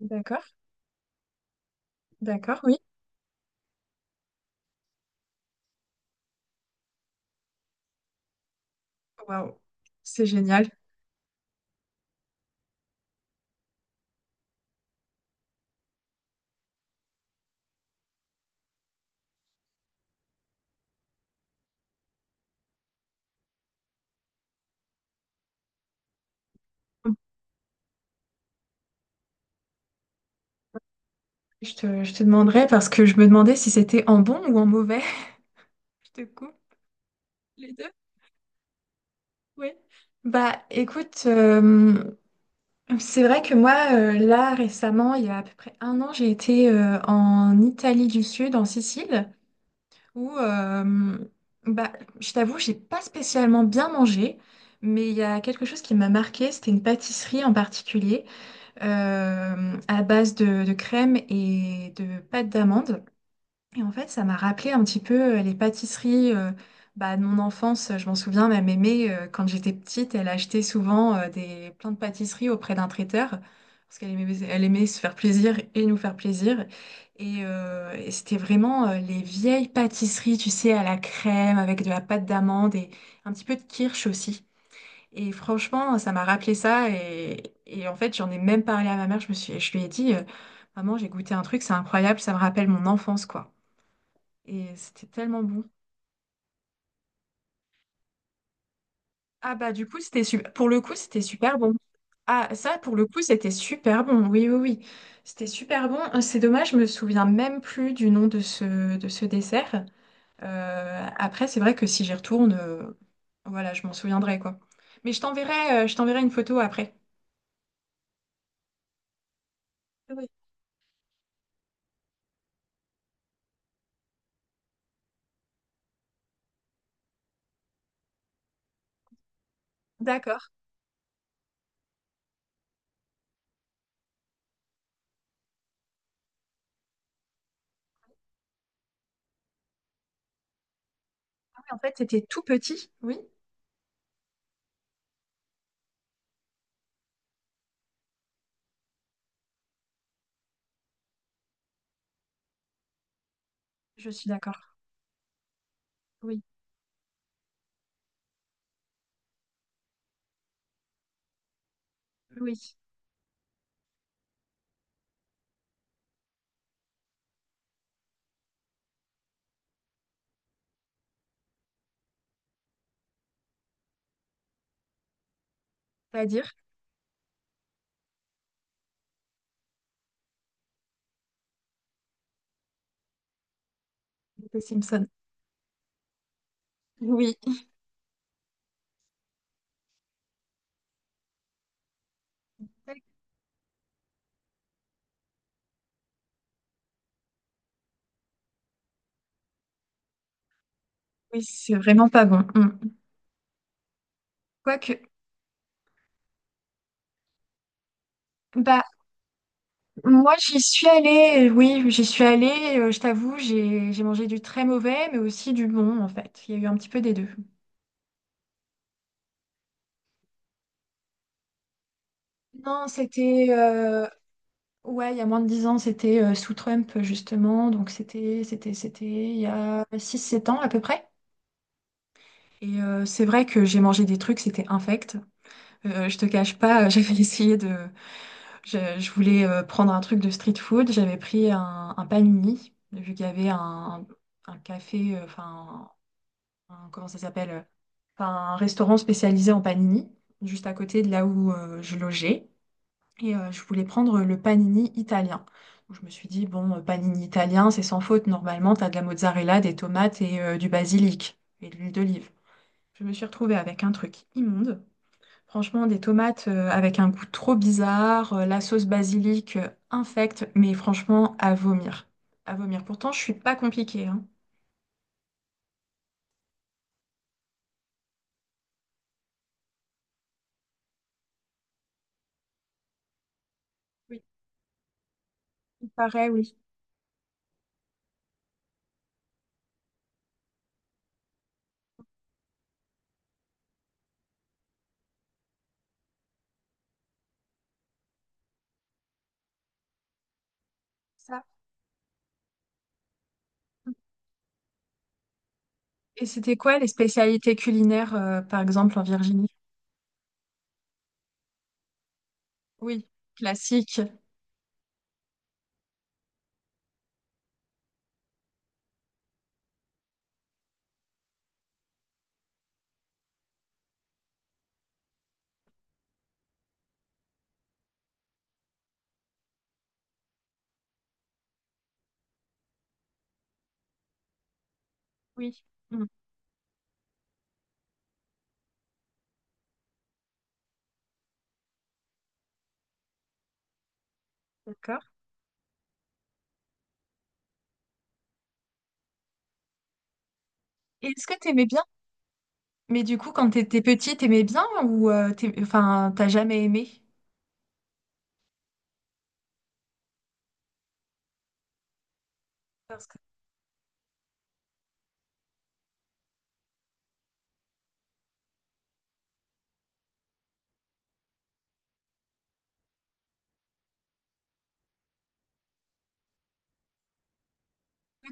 D'accord, d'accord, oui. Waouh, c'est génial. Je te demanderais parce que je me demandais si c'était en bon ou en mauvais. Je te coupe les deux. Oui. Bah, écoute, c'est vrai que moi, là, récemment, il y a à peu près un an, j'ai été en Italie du Sud, en Sicile, où, bah, je t'avoue, j'ai pas spécialement bien mangé, mais il y a quelque chose qui m'a marqué, c'était une pâtisserie en particulier, à base de crème et de pâte d'amande. Et en fait, ça m'a rappelé un petit peu les pâtisseries, bah, de mon enfance. Je m'en souviens, ma mémé, quand j'étais petite, elle achetait souvent plein de pâtisseries auprès d'un traiteur. Parce qu'elle aimait se faire plaisir et nous faire plaisir. Et c'était vraiment les vieilles pâtisseries, tu sais, à la crème, avec de la pâte d'amande et un petit peu de kirsch aussi. Et franchement, ça m'a rappelé ça. Et en fait, j'en ai même parlé à ma mère. Je lui ai dit, Maman, j'ai goûté un truc, c'est incroyable, ça me rappelle mon enfance, quoi. Et c'était tellement bon. Ah bah du coup, c'était super. Pour le coup, c'était super bon. Ah, ça, pour le coup, c'était super bon. Oui, oui, oui. C'était super bon. C'est dommage, je me souviens même plus du nom de ce dessert. Après, c'est vrai que si j'y retourne, voilà, je m'en souviendrai, quoi. Mais je t'enverrai une photo après. Oui. D'accord. Oui, en fait, c'était tout petit. Oui, je suis d'accord. Oui, oui. C'est-à-dire les Simpsons. Oui, oui, c'est vraiment pas bon. Mm. Quoique, bah, moi, j'y suis allée. Oui, j'y suis allée. Je t'avoue, j'ai mangé du très mauvais, mais aussi du bon, en fait. Il y a eu un petit peu des deux. Non, c'était ouais, il y a moins de 10 ans, c'était sous Trump justement, donc c'était il y a 6, 7 ans à peu près. Et c'est vrai que j'ai mangé des trucs, c'était infect. Je te cache pas, j'avais essayé de. Je voulais prendre un truc de street food. J'avais pris un panini, vu qu'il y avait un café, enfin, comment ça s'appelle? Enfin, un restaurant spécialisé en panini, juste à côté de là où je logeais. Et je voulais prendre le panini italien. Donc, je me suis dit, bon, panini italien, c'est sans faute. Normalement, t'as de la mozzarella, des tomates et du basilic et de l'huile d'olive. Je me suis retrouvée avec un truc immonde. Franchement, des tomates avec un goût trop bizarre, la sauce basilic infecte, mais franchement, à vomir. À vomir. Pourtant, je suis pas compliquée, hein. Oui, il paraît, oui. Ça. Et c'était quoi les spécialités culinaires, par exemple, en Virginie? Oui, classique. Oui. Mm. D'accord. Et est-ce que t'aimais bien? Mais du coup, quand t'étais petite, t'aimais bien ou enfin, t'as jamais aimé? Parce que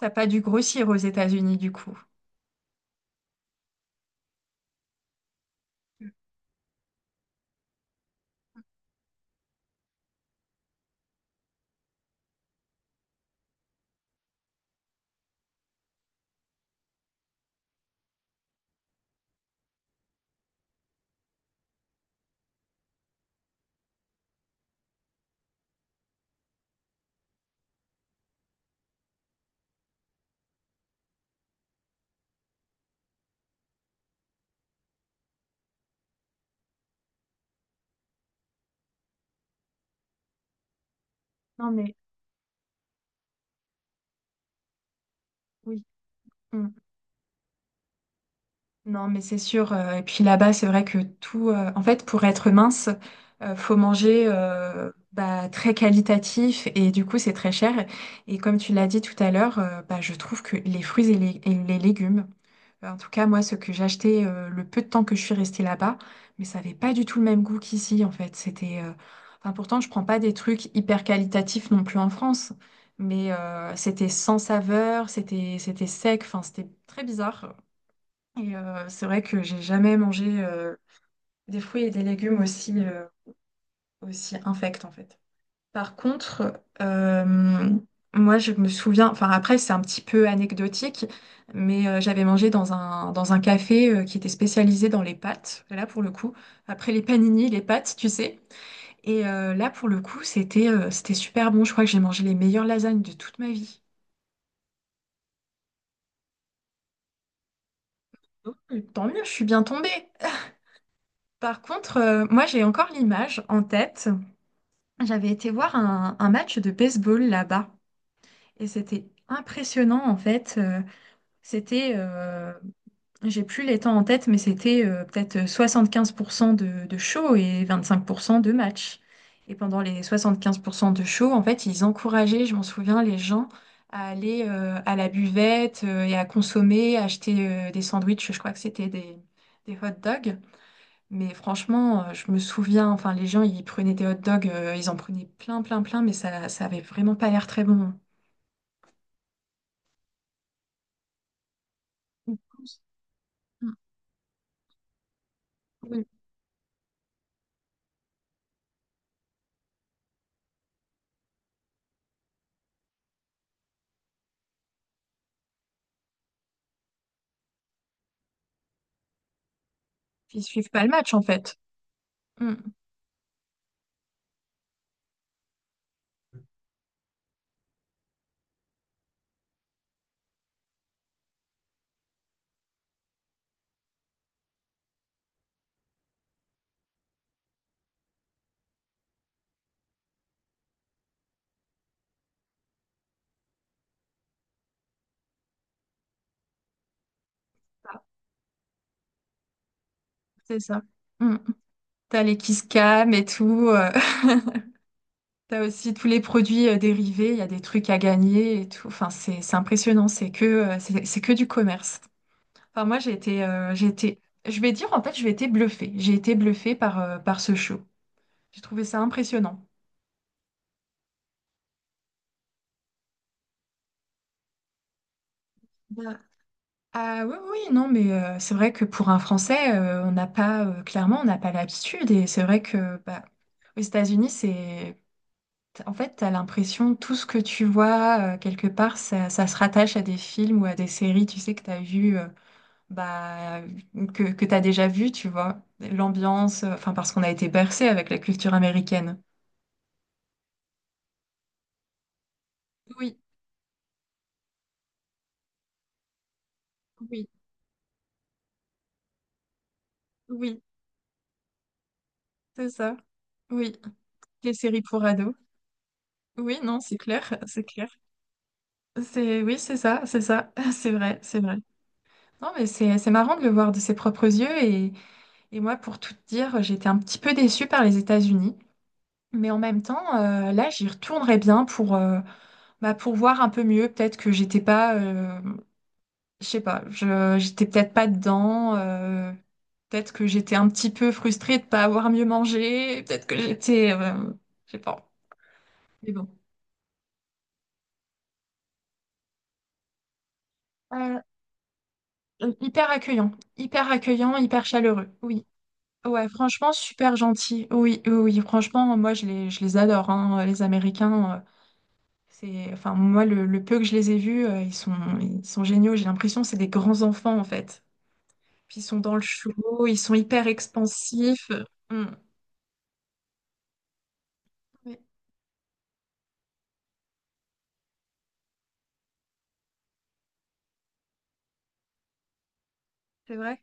t'as pas dû grossir aux États-Unis, du coup. Non, mais oui. Non, mais c'est sûr. Et puis là-bas, c'est vrai que tout. En fait, pour être mince, faut manger bah, très qualitatif et du coup, c'est très cher. Et comme tu l'as dit tout à l'heure, bah, je trouve que les fruits et les légumes, en tout cas, moi, ce que j'achetais le peu de temps que je suis restée là-bas, mais ça n'avait pas du tout le même goût qu'ici, en fait. C'était. Enfin, pourtant, je prends pas des trucs hyper qualitatifs non plus en France, mais c'était sans saveur, c'était sec. Enfin, c'était très bizarre. Et c'est vrai que j'ai jamais mangé des fruits et des légumes aussi, aussi infects en fait. Par contre, euh, moi je me souviens, enfin après c'est un petit peu anecdotique, mais j'avais mangé dans un café qui était spécialisé dans les pâtes. Et là pour le coup, après les paninis, les pâtes, tu sais. Et là pour le coup, c'était super bon. Je crois que j'ai mangé les meilleures lasagnes de toute ma vie. Donc, tant mieux, je suis bien tombée. Par contre, moi j'ai encore l'image en tête. J'avais été voir un match de baseball là-bas et c'était impressionnant en fait. C'était, euh, j'ai plus les temps en tête, mais c'était peut-être 75% de show et 25% de match. Et pendant les 75% de show, en fait, ils encourageaient, je m'en souviens, les gens à aller à la buvette et à consommer, acheter des sandwichs, je crois que c'était des hot dogs. Mais franchement, je me souviens, enfin, les gens, ils prenaient des hot dogs, ils en prenaient plein, plein, plein, mais ça avait vraiment pas l'air très bon. Mm. Oui. Ils suivent pas le match, en fait. Mm. Ah, c'est ça. Mm. T'as les kiss cam et tout. T'as aussi tous les produits dérivés. Il y a des trucs à gagner et tout. Enfin, c'est impressionnant. C'est que du commerce. Enfin, moi, j'ai été, je vais dire, en fait, j'ai été bluffée. J'ai été bluffée par ce show. J'ai trouvé ça impressionnant. Ah oui, oui, non, mais c'est vrai que pour un Français, on n'a pas, clairement, on n'a pas l'habitude. Et c'est vrai que bah, aux États-Unis, en fait, t'as l'impression, tout ce que tu vois, quelque part, ça se rattache à des films ou à des séries, tu sais, que t'as vu, bah, mmh, que t'as déjà vu, tu vois. L'ambiance, enfin, parce qu'on a été bercé avec la culture américaine. Oui, oui, oui, c'est ça. Oui, les séries pour ados. Oui, non, c'est clair, c'est clair. C'est oui, c'est ça, c'est vrai, c'est vrai. Non, mais c'est marrant de le voir de ses propres yeux et moi, pour tout te dire, j'étais un petit peu déçue par les États-Unis, mais en même temps, là, j'y retournerais bien pour bah, pour voir un peu mieux. Peut-être que j'étais pas, je sais pas, je j'étais peut-être pas dedans. Peut-être que j'étais un petit peu frustrée de pas avoir mieux mangé. Peut-être que j'étais, je sais pas. Mais bon, Euh, hyper accueillant, hyper accueillant, hyper chaleureux. Oui. Ouais, franchement, super gentil. Oui, oui, oui, franchement, moi, je les adore, hein, les Américains. Enfin, moi, le peu que je les ai vus, ils sont géniaux. J'ai l'impression que c'est des grands enfants, en fait. Puis ils sont dans le show, ils sont hyper expansifs. Mm. Oui, c'est vrai,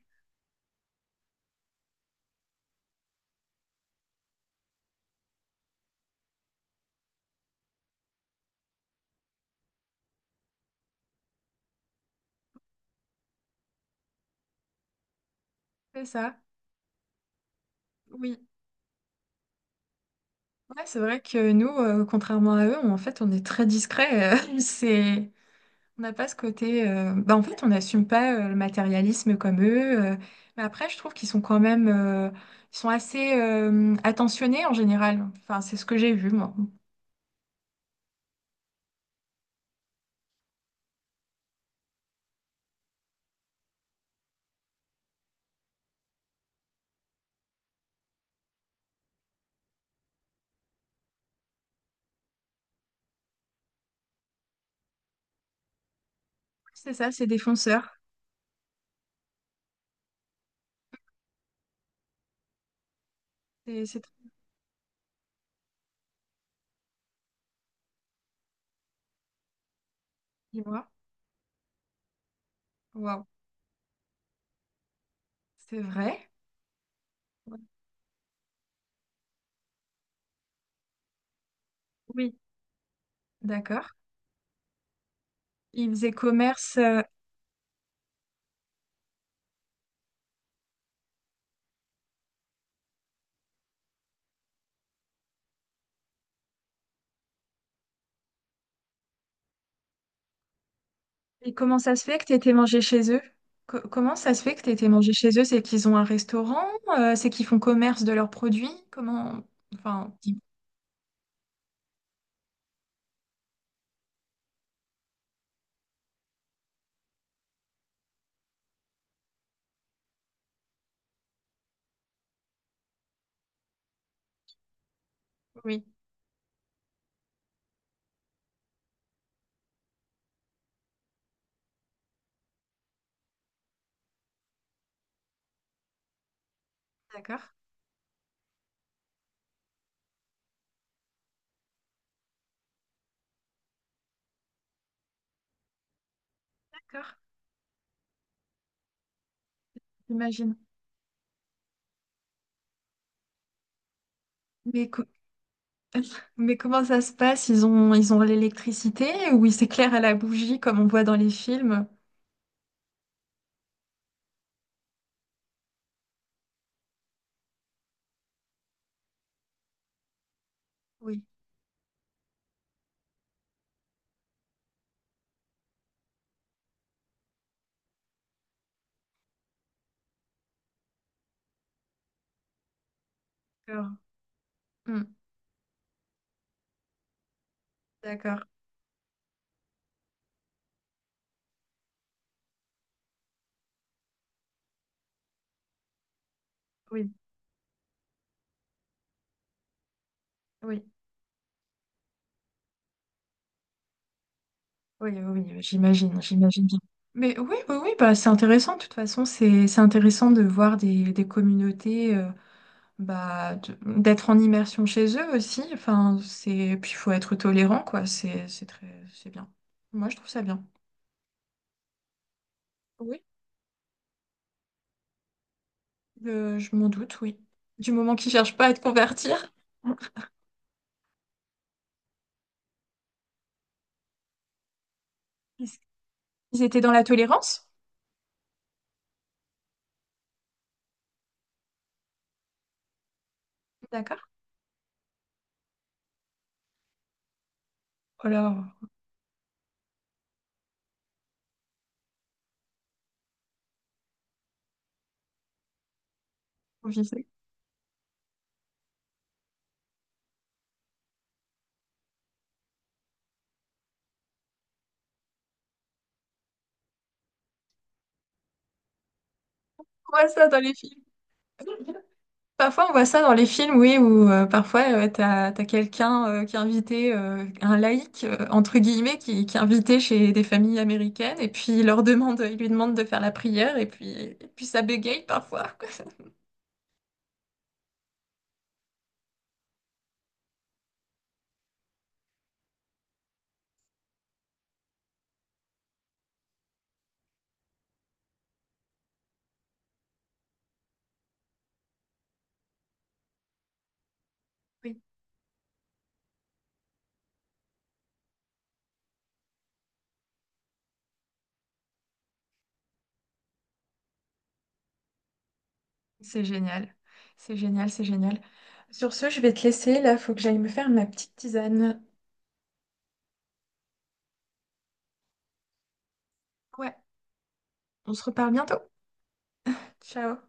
c'est ça. Oui. Ouais, c'est vrai que nous, contrairement à eux, en fait, on est très discret. c'est, On n'a pas ce côté. Bah, en fait, on n'assume pas le matérialisme comme eux. Mais après, je trouve qu'ils sont quand même. Ils sont assez attentionnés en général. Enfin, c'est ce que j'ai vu, moi. C'est ça, c'est défonceur. C'est très dis-moi. Waouh. C'est vrai? Ouais. Oui. D'accord. Ils faisaient commerce. Et comment ça se fait que tu étais mangé chez eux? Comment ça se fait que tu étais mangé chez eux? C'est qu'ils ont un restaurant? C'est qu'ils font commerce de leurs produits? Comment. Enfin. Oui. D'accord. D'accord. J'imagine. Mais, co- mais comment ça se passe? Ils ont l'électricité ou ils s'éclairent à la bougie comme on voit dans les films? Oui, d'accord. Hmm, d'accord. Oui, oui, oui, oui, oui, j'imagine, j'imagine bien. Mais oui, oui, oui, bah, c'est intéressant. De toute façon, c'est intéressant de voir des communautés, bah, d'être en immersion chez eux aussi. Enfin, puis il faut être tolérant, quoi. C'est bien. Moi, je trouve ça bien. Je m'en doute, oui. Du moment qu'ils cherchent pas à te convertir. Est-ce qu'ils étaient dans la tolérance? D'accord. Alors, on vit ça. On voit ça dans les films. Parfois, on voit ça dans les films, oui, où parfois, t'as quelqu'un qui est invité, un laïc, entre guillemets, qui est invité chez des familles américaines, et puis il leur demande, il lui demande de faire la prière, et puis ça bégaye parfois, quoi. Oui, c'est génial. C'est génial, c'est génial. Sur ce, je vais te laisser, là, faut que j'aille me faire ma petite tisane. Ouais. On se reparle bientôt. Ciao.